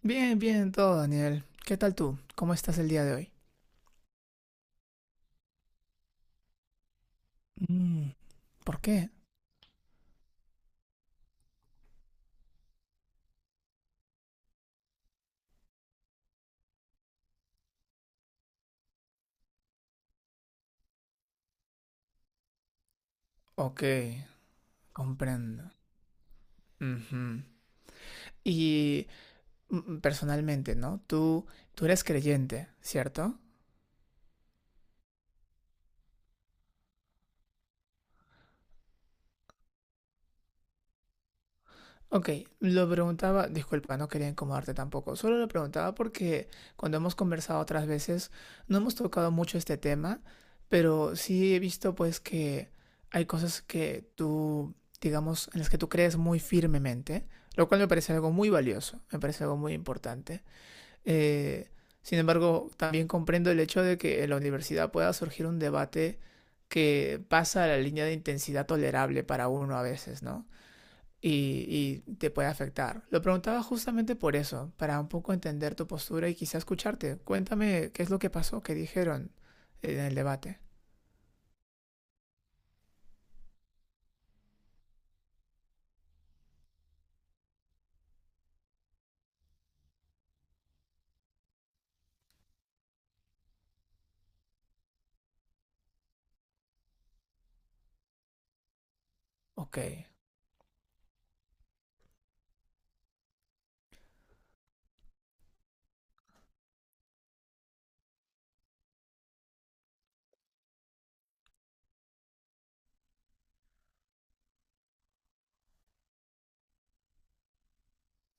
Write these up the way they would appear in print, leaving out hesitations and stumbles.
Bien, bien, todo, Daniel. ¿Qué tal tú? ¿Cómo estás el día de hoy? Mm, ¿por qué? Ok, comprendo. Ujú. Y personalmente, ¿no? Tú eres creyente, ¿cierto? Ok, lo preguntaba, disculpa, no quería incomodarte tampoco, solo lo preguntaba porque cuando hemos conversado otras veces no hemos tocado mucho este tema, pero sí he visto pues que hay cosas que tú, digamos, en las que tú crees muy firmemente, lo cual me parece algo muy valioso, me parece algo muy importante. Eh, Sin embargo, también comprendo el hecho de que en la universidad pueda surgir un debate que pasa a la línea de intensidad tolerable para uno a veces, ¿no? Y te puede afectar. Lo preguntaba justamente por eso, para un poco entender tu postura y quizá escucharte. Cuéntame qué es lo que pasó, qué dijeron en el debate. Ok.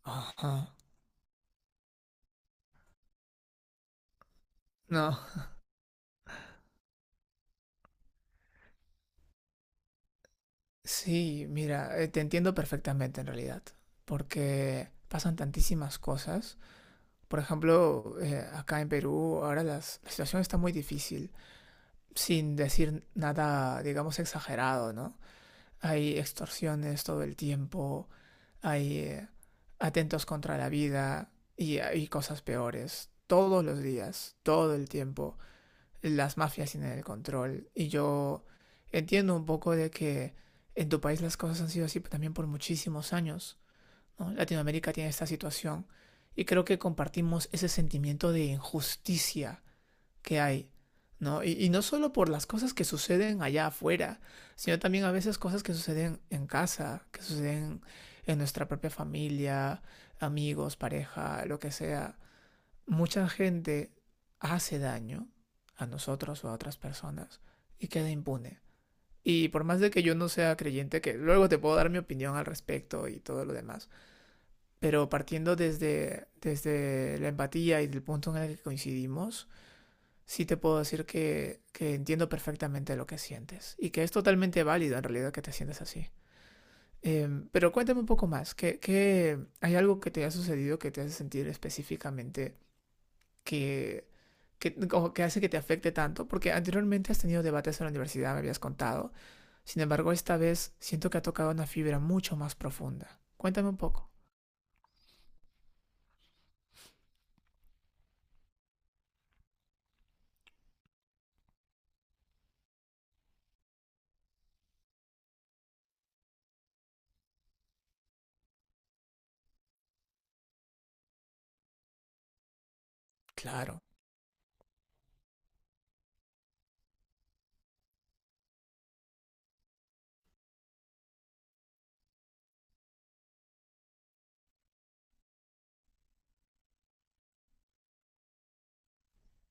Ajá. No. Sí, mira, te entiendo perfectamente en realidad, porque pasan tantísimas cosas. Por ejemplo, acá en Perú ahora la situación está muy difícil, sin decir nada, digamos, exagerado, ¿no? Hay extorsiones todo el tiempo. Hay atentos contra la vida y hay cosas peores. Todos los días, todo el tiempo, las mafias tienen el control. Y yo entiendo un poco de que en tu país las cosas han sido así también por muchísimos años, ¿no? Latinoamérica tiene esta situación. Y creo que compartimos ese sentimiento de injusticia que hay, ¿no? Y no solo por las cosas que suceden allá afuera, sino también a veces cosas que suceden en casa, que suceden en nuestra propia familia, amigos, pareja, lo que sea. Mucha gente hace daño a nosotros o a otras personas y queda impune. Y por más de que yo no sea creyente, que luego te puedo dar mi opinión al respecto y todo lo demás, pero partiendo desde la empatía y del punto en el que coincidimos, sí te puedo decir que entiendo perfectamente lo que sientes y que es totalmente válido en realidad que te sientes así. Pero cuéntame un poco más, hay algo que te ha sucedido que te hace sentir específicamente que, o que hace que te afecte tanto? Porque anteriormente has tenido debates en la universidad, me habías contado. Sin embargo, esta vez siento que ha tocado una fibra mucho más profunda. Cuéntame un poco. Claro.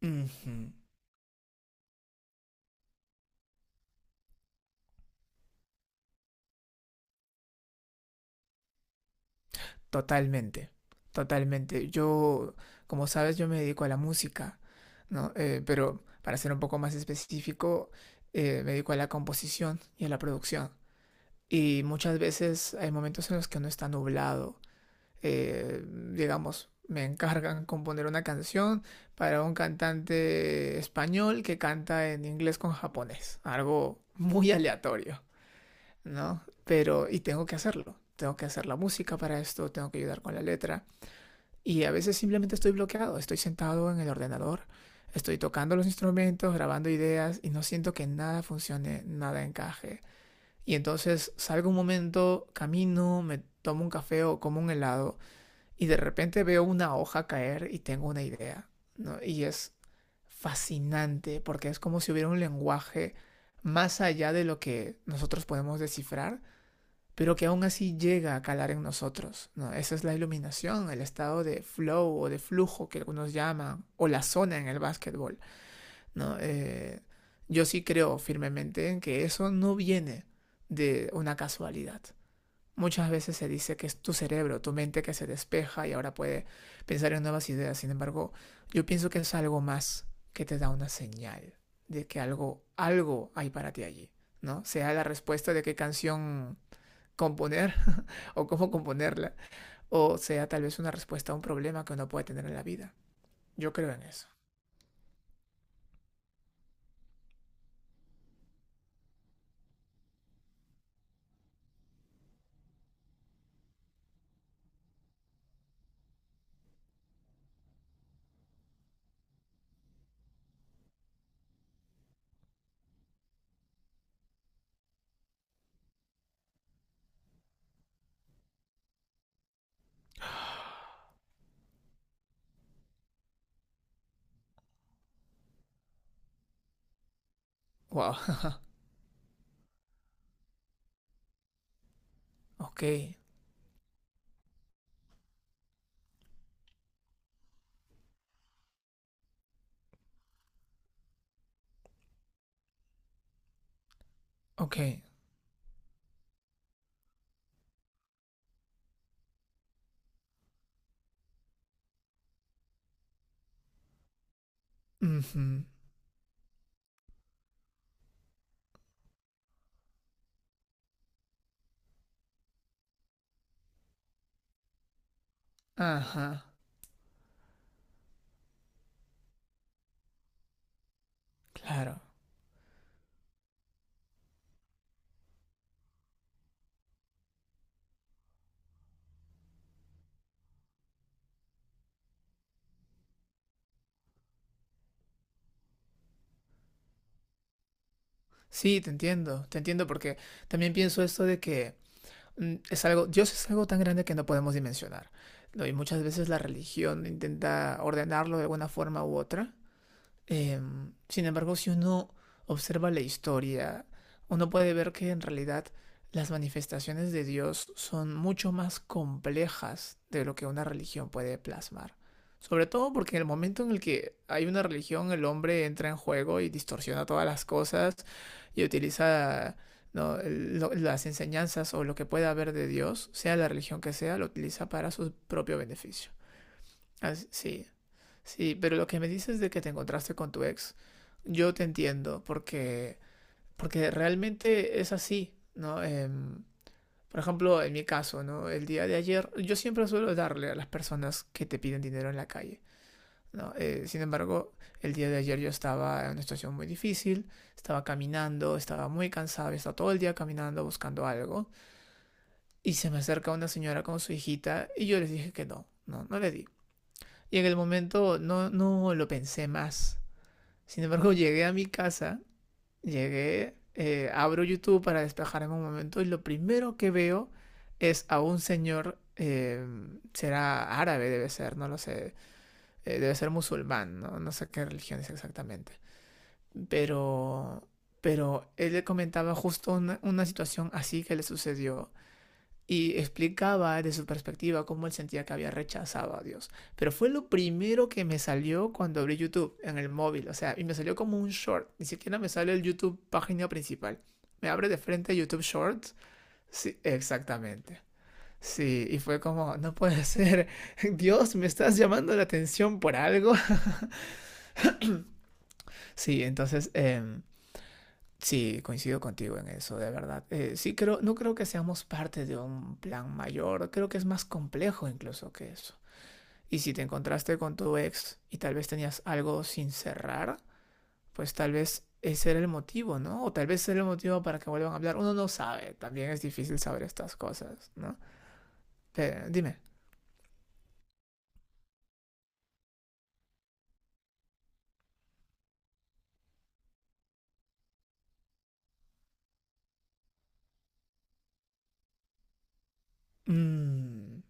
Ujú. Totalmente, totalmente. Yo, como sabes, yo me dedico a la música, ¿no? Pero para ser un poco más específico, me dedico a la composición y a la producción. Y muchas veces hay momentos en los que no está nublado. Eh, digamos, me encargan componer una canción para un cantante español que canta en inglés con japonés. Algo muy aleatorio, ¿no? Pero, y tengo que hacerlo. Tengo que hacer la música para esto, tengo que ayudar con la letra. Y a veces simplemente estoy bloqueado, estoy sentado en el ordenador, estoy tocando los instrumentos, grabando ideas y no siento que nada funcione, nada encaje. Y entonces salgo un momento, camino, me tomo un café o como un helado y de repente veo una hoja caer y tengo una idea, ¿no? Y es fascinante porque es como si hubiera un lenguaje más allá de lo que nosotros podemos descifrar pero que aún así llega a calar en nosotros, ¿no? Esa es la iluminación, el estado de flow o de flujo que algunos llaman, o la zona en el básquetbol, ¿no? Yo sí creo firmemente en que eso no viene de una casualidad. Muchas veces se dice que es tu cerebro, tu mente que se despeja y ahora puede pensar en nuevas ideas. Sin embargo, yo pienso que es algo más que te da una señal de que algo, algo hay para ti allí, ¿no? Sea la respuesta de qué canción componer o cómo componerla, o sea tal vez una respuesta a un problema que uno puede tener en la vida. Yo creo en eso. Wow. Ok, ok. Ujú. Ajá, claro. Sí, te entiendo porque también pienso esto de que es algo, Dios es algo tan grande que no podemos dimensionar, ¿no? Y muchas veces la religión intenta ordenarlo de alguna forma u otra. Sin embargo, si uno observa la historia, uno puede ver que en realidad las manifestaciones de Dios son mucho más complejas de lo que una religión puede plasmar. Sobre todo porque en el momento en el que hay una religión, el hombre entra en juego y distorsiona todas las cosas y utiliza, ¿no?, las enseñanzas o lo que pueda haber de Dios, sea la religión que sea, lo utiliza para su propio beneficio. Así, sí, sí. pero lo que me dices de que te encontraste con tu ex, yo te entiendo, porque realmente es así, ¿no? Por ejemplo, en mi caso, ¿no? El día de ayer, yo siempre suelo darle a las personas que te piden dinero en la calle, ¿no? Sin embargo, el día de ayer yo estaba en una situación muy difícil, estaba caminando, estaba muy cansado, estaba todo el día caminando buscando algo, y se me acerca una señora con su hijita, y yo les dije que no, no, no le di. Y en el momento no, no lo pensé más. Sin embargo, llegué a mi casa, llegué, abro YouTube para despejarme un momento y lo primero que veo es a un señor, será árabe, debe ser, no lo sé, debe ser musulmán, ¿no? No sé qué religión es exactamente. Pero, pero él le comentaba justo una situación así que le sucedió y explicaba desde su perspectiva cómo él sentía que había rechazado a Dios. Pero fue lo primero que me salió cuando abrí YouTube en el móvil, o sea, y me salió como un short, ni siquiera me sale el YouTube página principal. Me abre de frente YouTube Shorts. Sí, exactamente. Sí, y fue como, no puede ser, Dios, me estás llamando la atención por algo. Sí, entonces, sí, coincido contigo en eso, de verdad. Sí, creo, no creo que seamos parte de un plan mayor, creo que es más complejo incluso que eso. Y si te encontraste con tu ex y tal vez tenías algo sin cerrar, pues tal vez ese era el motivo, ¿no? O tal vez ese era el motivo para que vuelvan a hablar. Uno no sabe, también es difícil saber estas cosas, ¿no? Pero, dime. Mm.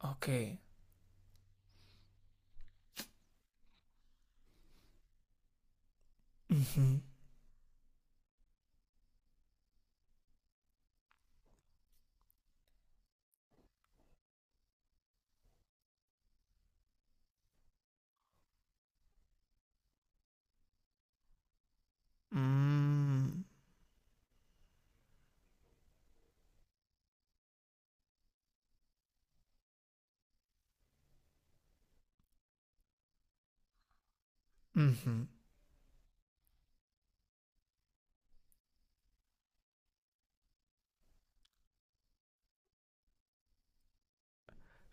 Ok. Ujú. Mm. Ujú.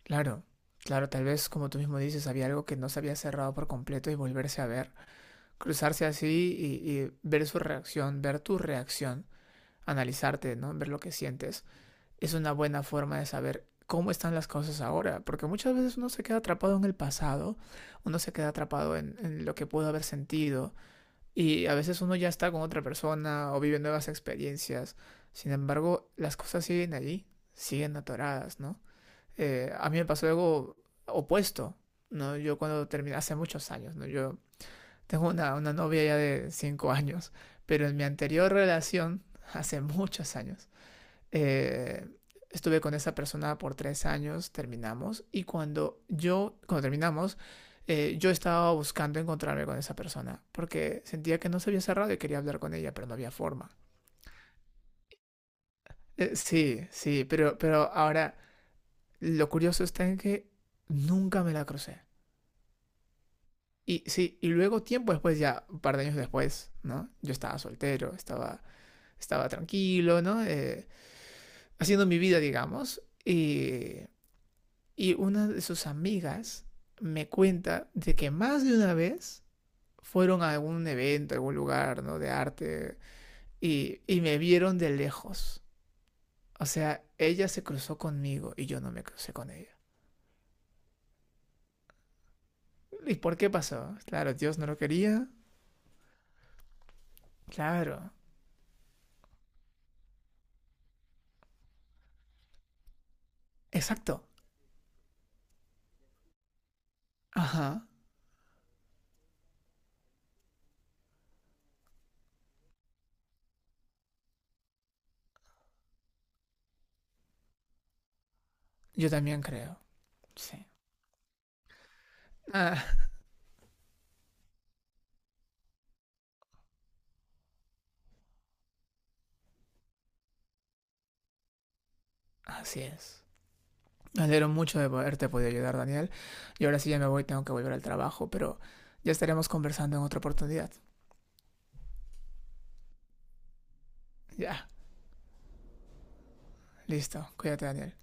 Claro. Claro, tal vez como tú mismo dices, había algo que no se había cerrado por completo y volverse a ver, cruzarse así y ver su reacción, ver tu reacción, analizarte, ¿no? Ver lo que sientes es una buena forma de saber cómo están las cosas ahora, porque muchas veces uno se queda atrapado en el pasado, uno se queda atrapado en lo que pudo haber sentido, y a veces uno ya está con otra persona o vive nuevas experiencias, sin embargo, las cosas siguen allí, siguen atoradas, ¿no? A mí me pasó algo opuesto, ¿no? Yo cuando terminé, hace muchos años, ¿no? Yo tengo una novia ya de 5 años, pero en mi anterior relación, hace muchos años, eh, estuve con esa persona por 3 años, terminamos, y cuando cuando terminamos, yo estaba buscando encontrarme con esa persona, porque sentía que no se había cerrado y quería hablar con ella, pero no había forma. Sí, sí, pero ahora lo curioso está en que nunca me la crucé. Y sí, y luego tiempo después, ya un par de años después, ¿no? Yo estaba soltero, estaba tranquilo, ¿no? Haciendo mi vida, digamos, Y una de sus amigas me cuenta de que más de una vez fueron a algún evento, a algún lugar, ¿no? De arte y me vieron de lejos. O sea, ella se cruzó conmigo y yo no me crucé con ella. ¿Y por qué pasó? Claro, Dios no lo quería. Claro. Exacto. Ajá. Yo también creo. Sí. Ah, así es. Me alegro mucho de poderte poder ayudar, Daniel. Y ahora sí ya me voy, tengo que volver al trabajo, pero ya estaremos conversando en otra oportunidad. Ya. Listo, cuídate, Daniel.